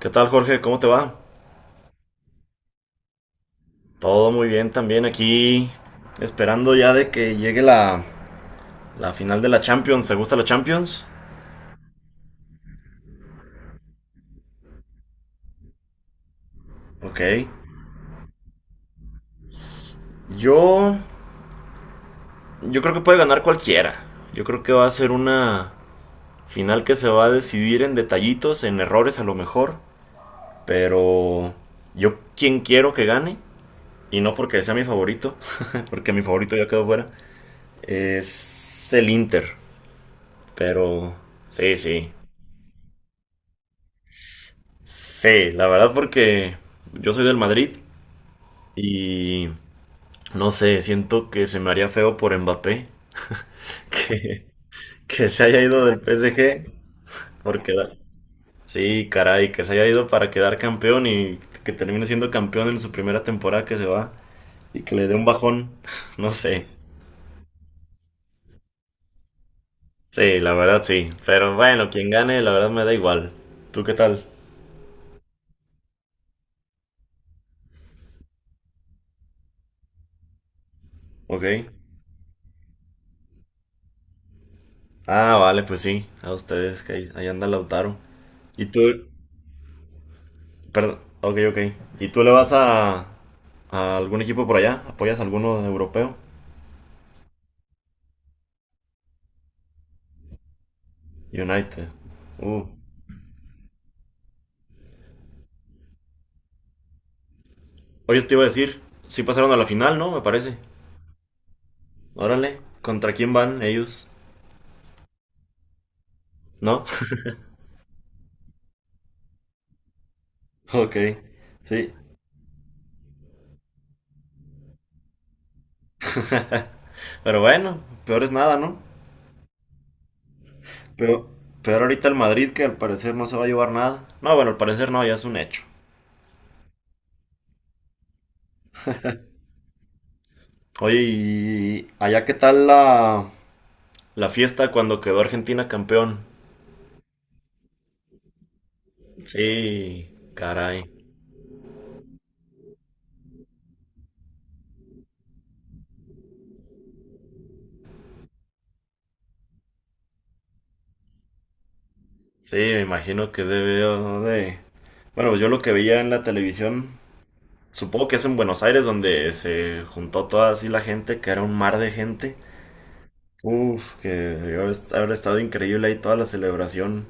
¿Qué tal, Jorge? ¿Cómo te va? Todo muy bien también aquí. Esperando ya de que llegue la final de la Champions. ¿Te gusta la Champions? Ok. Yo. Yo creo que puede ganar cualquiera. Yo creo que va a ser una final que se va a decidir en detallitos, en errores a lo mejor. Pero. Yo quien quiero que gane. Y no porque sea mi favorito. Porque mi favorito ya quedó fuera. Es el Inter. Pero. Sí, sí. Sí, la verdad porque yo soy del Madrid y no sé, siento que se me haría feo por Mbappé que, que se haya ido del PSG por quedar. Sí, caray, que se haya ido para quedar campeón y que termine siendo campeón en su primera temporada que se va y que le dé un bajón, no sé. Sí, la verdad sí, pero bueno, quien gane, la verdad me da igual. ¿Tú qué tal? ¿Ok? Ah, vale, pues sí, a ustedes, que ahí anda Lautaro. ¿Y tú? Perdón, ok, ok. ¿Y tú le vas a algún equipo por allá? ¿Apoyas a alguno europeo? United. Uh. Oye, te iba a decir, sí pasaron a la final, ¿no? Me parece. Órale, ¿contra quién van ellos? ¿No? Ok, sí. Pero bueno, peor es nada, ¿no? Pero, peor ahorita el Madrid, que al parecer no se va a llevar nada. No, bueno, al parecer no, ya es un hecho. Oye, ¿y allá qué tal la...? La fiesta cuando quedó Argentina campeón. Sí, caray. Sí, me imagino que debió de... Bueno, pues yo lo que veía en la televisión, supongo que es en Buenos Aires donde se juntó toda así la gente, que era un mar de gente. Uf, que debió haber estado increíble ahí toda la celebración.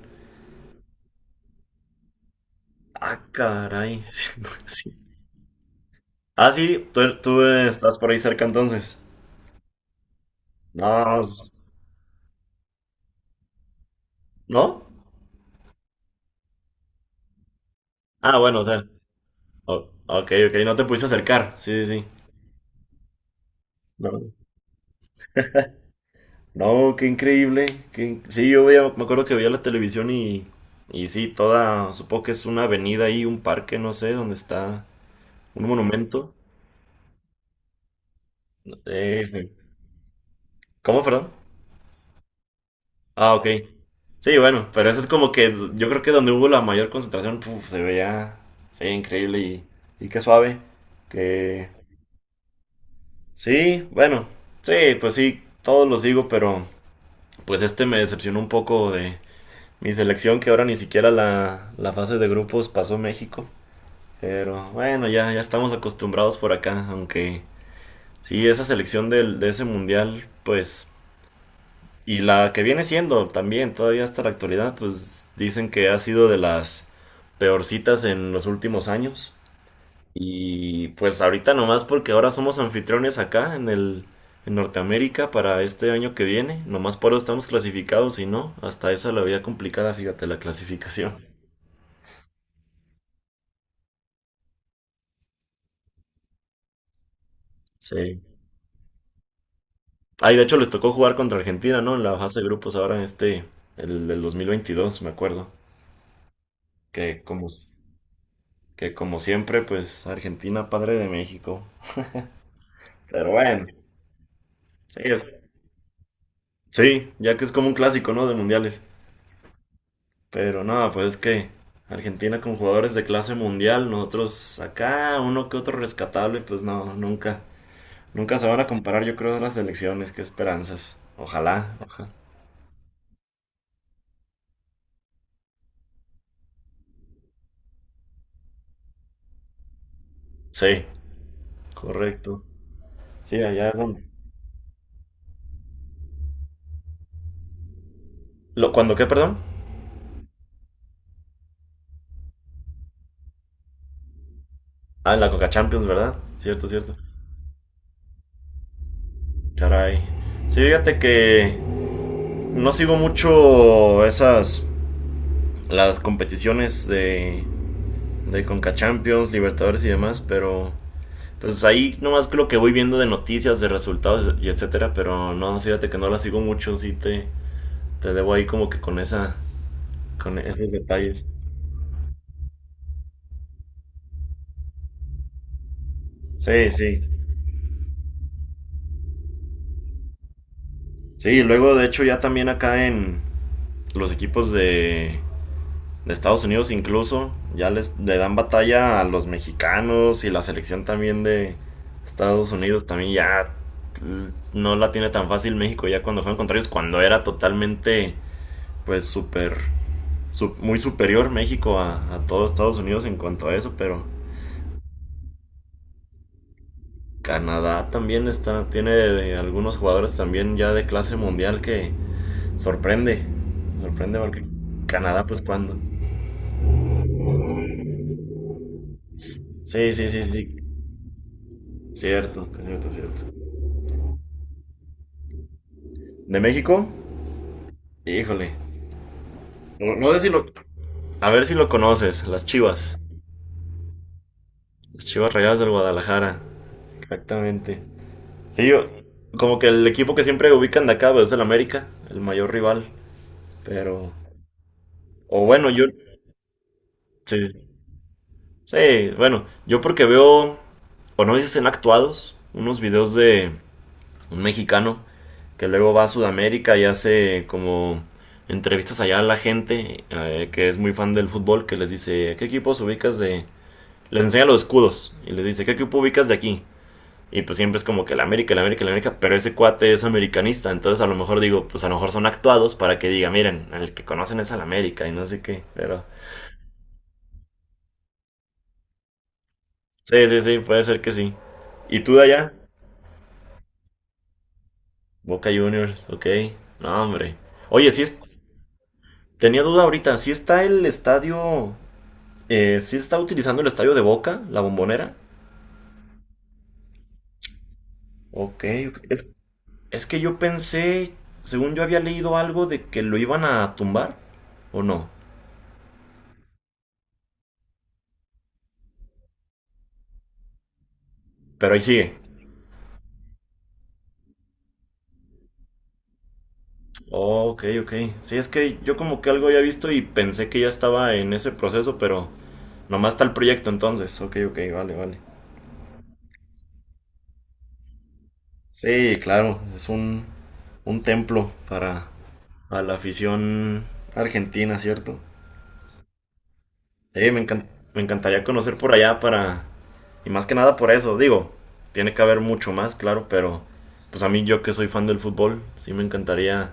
Ah, caray. Sí. Ah, sí, tú, estás por ahí cerca entonces. No, ¿no? Ah, bueno, o sea. Ok, ok, no te pudiste acercar. Sí, sí, sí. No. No, qué increíble. Qué Sí, yo veía, me acuerdo que veía la televisión y sí, toda, supongo que es una avenida ahí, un parque, no sé, donde está un monumento. Sí. ¿Cómo, perdón? Ah, ok. Sí, bueno, pero eso es como que yo creo que donde hubo la mayor concentración, puf, se sí, increíble y qué suave. Que Sí, bueno, sí, pues sí, todos los digo, pero pues este me decepcionó un poco de mi selección que ahora ni siquiera la fase de grupos pasó México. Pero bueno, ya estamos acostumbrados por acá, aunque sí, esa selección de ese mundial, pues, y la que viene siendo también, todavía hasta la actualidad, pues dicen que ha sido de las peorcitas en los últimos años. Y pues ahorita nomás porque ahora somos anfitriones acá en el en Norteamérica para este año que viene, nomás por eso estamos clasificados y no, hasta esa la veía complicada, fíjate, la clasificación. Sí. Ay, de hecho les tocó jugar contra Argentina, ¿no? En la fase de grupos ahora en el del 2022, me acuerdo. Que como, s- que como siempre, pues Argentina, padre de México. Pero bueno, sí, sí, ya que es como un clásico, ¿no? De mundiales. Pero nada, pues es que Argentina con jugadores de clase mundial, nosotros acá, uno que otro rescatable, pues no, nunca. Nunca se van a comparar, yo creo, a las selecciones, qué esperanzas. Ojalá. Sí, correcto. Sí, allá es donde... Lo, ¿cuándo qué, perdón? Ah, en la Coca Champions, ¿verdad? Cierto, cierto. Caray. Sí, fíjate que no sigo mucho las competiciones de Conca Champions, Libertadores y demás, pero pues ahí nomás que lo que voy viendo de noticias, de resultados y etcétera, pero no, fíjate que no las sigo mucho, sí te debo ahí como que con con esos detalles. Sí, sí. Sí, luego de hecho ya también acá en los equipos de Estados Unidos incluso, ya le dan batalla a los mexicanos y la selección también de Estados Unidos también ya no la tiene tan fácil México ya cuando juegan contra ellos, cuando era totalmente pues muy superior México a todo Estados Unidos en cuanto a eso, pero Canadá también está, tiene de algunos jugadores también ya de clase mundial que sorprende, sorprende porque Canadá pues cuando. Sí, cierto, cierto, cierto. ¿De México? Híjole. No, no sé si lo. A ver si lo conoces, las Chivas. Las Chivas Rayadas del Guadalajara. Exactamente. Sí, yo. Como que el equipo que siempre ubican de acá pues, es el América, el mayor rival. Pero. O bueno, yo. Sí, sí, bueno. Yo porque veo. O no sé si estén actuados. Unos videos de un mexicano que luego va a Sudamérica y hace como entrevistas allá a la gente que es muy fan del fútbol, que les dice, ¿qué equipos les enseña los escudos y les dice, ¿qué equipo ubicas de aquí? Y pues siempre es como que la América, la América, la América, pero ese cuate es americanista, entonces a lo mejor digo, pues a lo mejor son actuados para que diga, miren, el que conocen es al América y no sé qué, pero sí, sí, sí, puede ser que sí. ¿Y tú de allá? Boca Juniors, ok, no hombre. Oye, sí es, tenía duda ahorita, ¿sí está el sí está utilizando el estadio de Boca, la bombonera? Ok, ok. Es que yo pensé, según yo había leído algo de que lo iban a tumbar, ¿o no? Pero ahí sigue. Oh, ok, ok. Sí, es que yo como que algo había visto y pensé que ya estaba en ese proceso, pero nomás está el proyecto entonces. Ok, ok, vale, vale. Sí, claro, es un templo para a la afición argentina, ¿cierto? Sí, me encantaría conocer por allá para. Y más que nada por eso, digo, tiene que haber mucho más, claro, pero pues a mí yo que soy fan del fútbol, sí me encantaría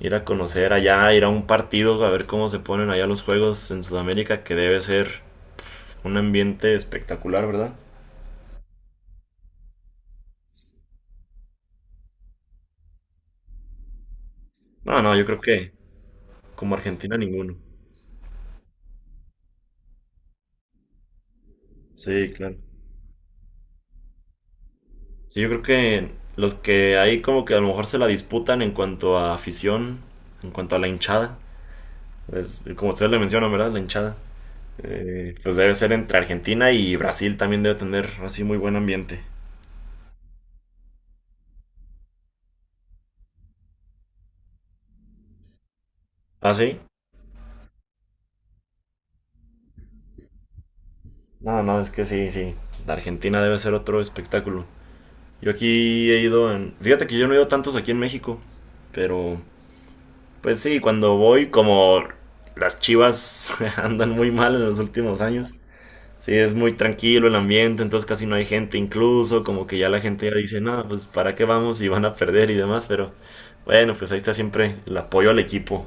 ir a conocer allá, ir a un partido, a ver cómo se ponen allá los juegos en Sudamérica, que debe ser un ambiente espectacular, ¿verdad? No, no, yo creo que como Argentina ninguno. Sí, claro. Sí, yo creo que los que ahí como que a lo mejor se la disputan en cuanto a afición, en cuanto a la hinchada, pues, como ustedes le mencionan, ¿verdad? La hinchada. Pues debe ser entre Argentina y Brasil también debe tener así muy buen ambiente. ¿Ah, sí? No, no, es que sí, sí. La Argentina debe ser otro espectáculo. Yo aquí he ido en... Fíjate que yo no he ido tantos aquí en México, pero pues sí, cuando voy como las chivas andan muy mal en los últimos años. Sí, es muy tranquilo el ambiente, entonces casi no hay gente, incluso como que ya la gente ya dice, no, pues para qué vamos y van a perder y demás, pero bueno, pues ahí está siempre el apoyo al equipo.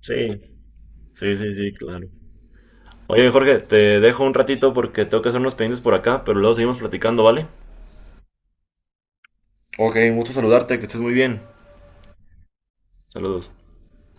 Sí, sí, sí, sí, claro. Oye, Jorge, te dejo un ratito porque tengo que hacer unos pendientes por acá, pero luego seguimos platicando, ¿vale? Ok, mucho saludarte, que estés muy bien. Saludos.